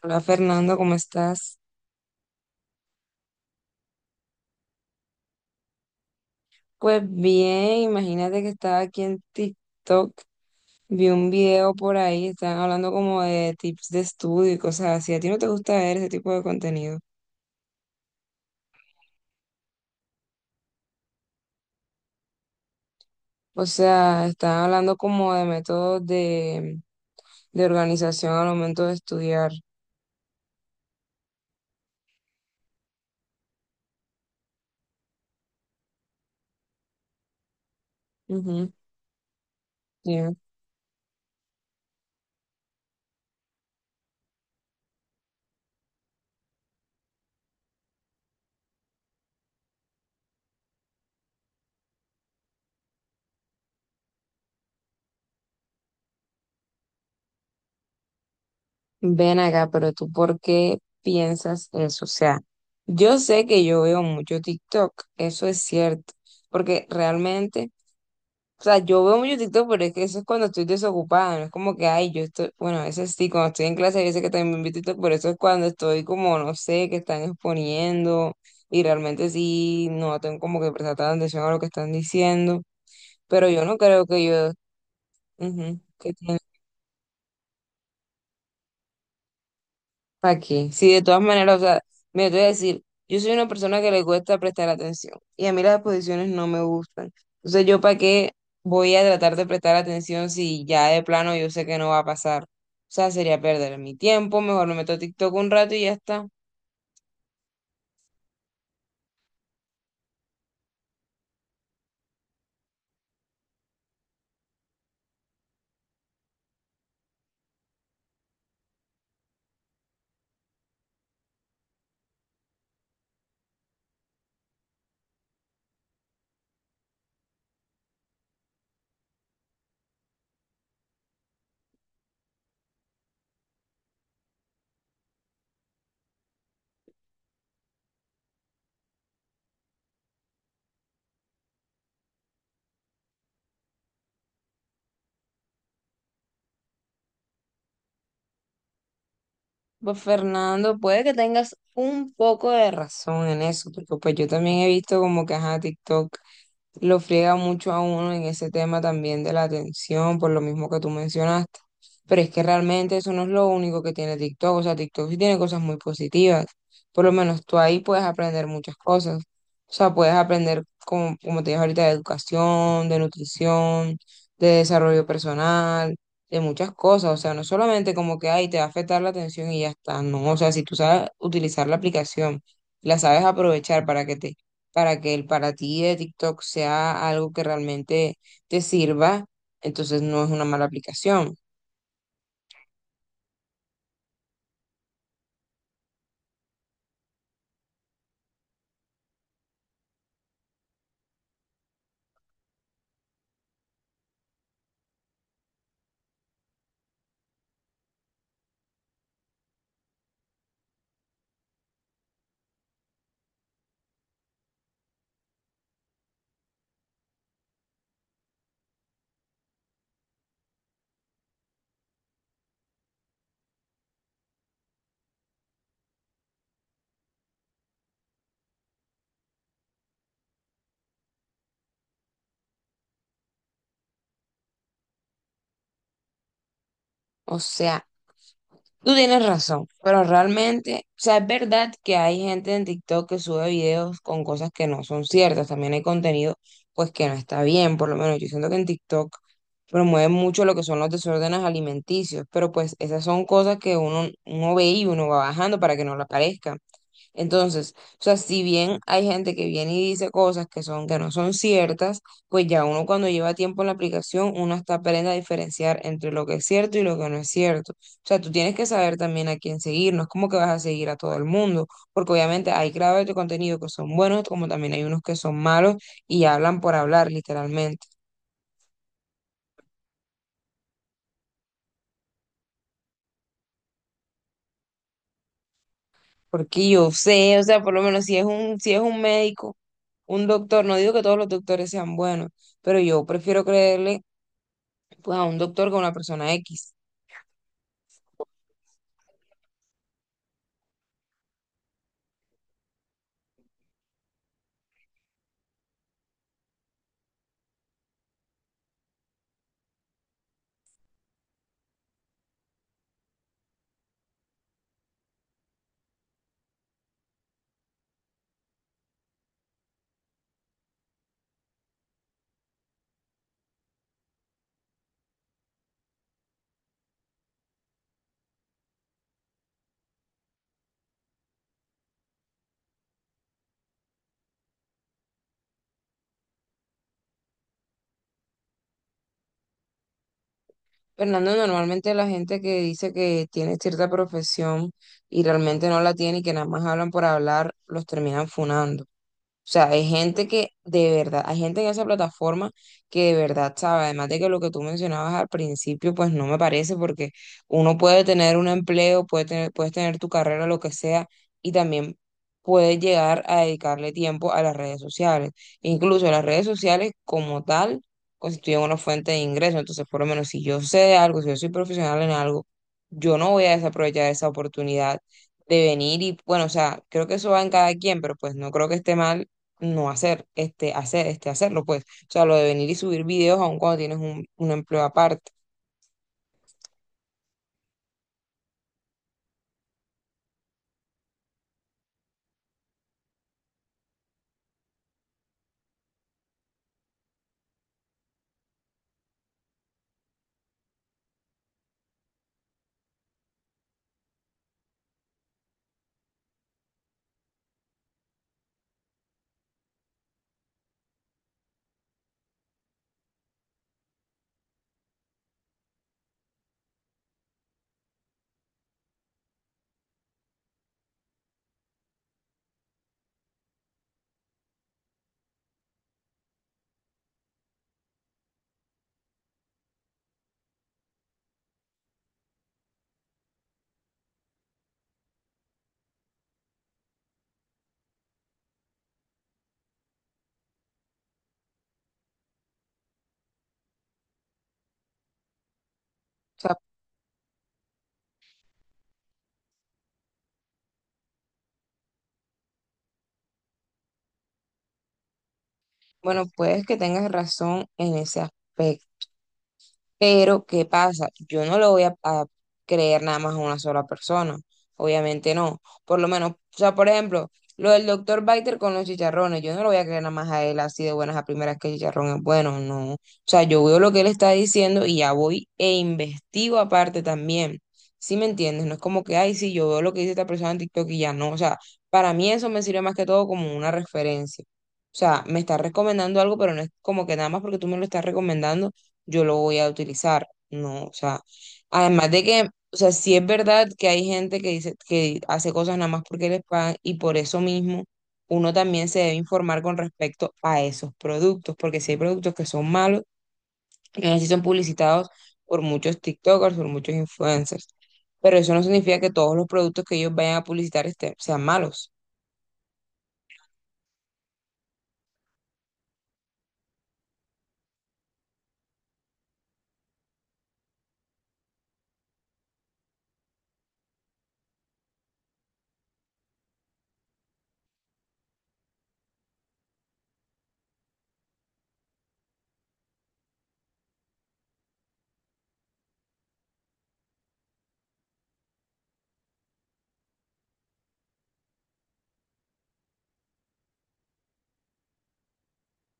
Hola Fernando, ¿cómo estás? Pues bien, imagínate que estaba aquí en TikTok, vi un video por ahí, estaban hablando como de tips de estudio y cosas así. ¿A ti no te gusta ver ese tipo de contenido? O sea, estaban hablando como de métodos de organización al momento de estudiar. Ujú, sí. Ven acá, pero tú ¿por qué piensas eso? O sea, yo sé que yo veo mucho TikTok, eso es cierto, porque realmente, o sea, yo veo mucho TikTok, pero es que eso es cuando estoy desocupada, no es como que, ay, yo estoy, bueno, ese sí, cuando estoy en clase, yo sé que también veo TikTok, pero eso es cuando estoy como, no sé, que están exponiendo y realmente sí, no tengo como que prestar tanta atención a lo que están diciendo, pero yo no creo que yo, ujú, que tiene. ¿Para qué? Si de todas maneras, o sea, me voy a decir, yo soy una persona que le cuesta prestar atención y a mí las exposiciones no me gustan. Entonces, ¿yo para qué voy a tratar de prestar atención si ya de plano yo sé que no va a pasar? O sea, sería perder mi tiempo, mejor me meto a TikTok un rato y ya está. Pues Fernando, puede que tengas un poco de razón en eso, porque pues yo también he visto como que ajá, TikTok lo friega mucho a uno en ese tema también de la atención, por lo mismo que tú mencionaste. Pero es que realmente eso no es lo único que tiene TikTok, o sea, TikTok sí tiene cosas muy positivas. Por lo menos tú ahí puedes aprender muchas cosas. O sea, puedes aprender, como, como te dije ahorita, de educación, de nutrición, de desarrollo personal de muchas cosas, o sea, no solamente como que, ay, te va a afectar la atención y ya está, no, o sea, si tú sabes utilizar la aplicación, la sabes aprovechar para que te, para que el para ti de TikTok sea algo que realmente te sirva, entonces no es una mala aplicación. O sea, tú tienes razón, pero realmente, o sea, es verdad que hay gente en TikTok que sube videos con cosas que no son ciertas, también hay contenido pues que no está bien, por lo menos yo siento que en TikTok promueven mucho lo que son los desórdenes alimenticios, pero pues esas son cosas que uno, uno ve y uno va bajando para que no le aparezcan. Entonces, o sea, si bien hay gente que viene y dice cosas que son, que no son ciertas, pues ya uno cuando lleva tiempo en la aplicación, uno hasta aprende a diferenciar entre lo que es cierto y lo que no es cierto. O sea, tú tienes que saber también a quién seguir, no es como que vas a seguir a todo el mundo, porque obviamente hay creadores de contenido que son buenos, como también hay unos que son malos y hablan por hablar, literalmente. Porque yo sé, o sea, por lo menos si es un, si es un médico, un doctor, no digo que todos los doctores sean buenos pero yo prefiero creerle pues a un doctor que a una persona X. Fernando, normalmente la gente que dice que tiene cierta profesión y realmente no la tiene y que nada más hablan por hablar, los terminan funando. O sea, hay gente que de verdad, hay gente en esa plataforma que de verdad sabe, además de que lo que tú mencionabas al principio, pues no me parece, porque uno puede tener un empleo, puede tener, puedes tener tu carrera, lo que sea, y también puedes llegar a dedicarle tiempo a las redes sociales. Incluso las redes sociales como tal constituyen una fuente de ingreso, entonces por lo menos si yo sé de algo, si yo soy profesional en algo, yo no voy a desaprovechar esa oportunidad de venir y, bueno, o sea, creo que eso va en cada quien, pero pues no creo que esté mal no hacer, hacer, hacerlo, pues. O sea, lo de venir y subir videos aun cuando tienes un empleo aparte. O sea, bueno, puedes que tengas razón en ese aspecto. Pero, ¿qué pasa? Yo no le voy a creer nada más a una sola persona. Obviamente no. Por lo menos, o sea, por ejemplo, lo del doctor Biter con los chicharrones, yo no lo voy a creer nada más a él así de buenas a primeras que el chicharrón es bueno, no. O sea, yo veo lo que él está diciendo y ya voy e investigo aparte también. ¿Sí me entiendes? No es como que, ay, sí, yo veo lo que dice esta persona en TikTok y ya no. O sea, para mí eso me sirve más que todo como una referencia. O sea, me estás recomendando algo, pero no es como que nada más porque tú me lo estás recomendando yo lo voy a utilizar, ¿no? O sea, además de que, o sea, sí es verdad que hay gente que dice que hace cosas nada más porque les pagan y por eso mismo uno también se debe informar con respecto a esos productos, porque si hay productos que son malos, y así son publicitados por muchos TikTokers, por muchos influencers, pero eso no significa que todos los productos que ellos vayan a publicitar estén, sean malos.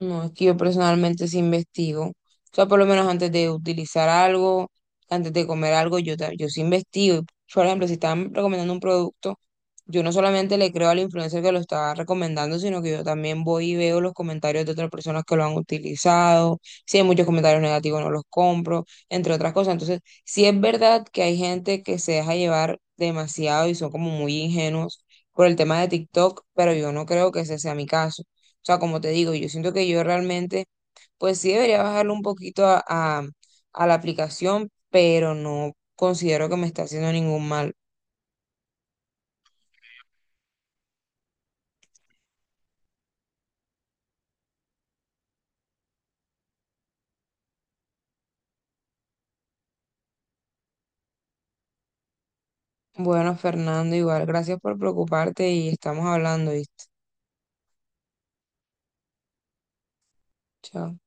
No, es que yo personalmente sí investigo. O sea, por lo menos antes de utilizar algo, antes de comer algo, yo, yo sí investigo. Por ejemplo, si están recomendando un producto. Yo no solamente le creo al influencer que lo está recomendando, sino que yo también voy y veo los comentarios de otras personas que lo han utilizado. Si hay muchos comentarios negativos, no los compro, entre otras cosas. Entonces, sí es verdad que hay gente que se deja llevar demasiado y son como muy ingenuos por el tema de TikTok, pero yo no creo que ese sea mi caso. O sea, como te digo, yo siento que yo realmente, pues sí debería bajarle un poquito a a la aplicación, pero no considero que me está haciendo ningún mal. Bueno, Fernando, igual, gracias por preocuparte y estamos hablando, ¿viste? Chao.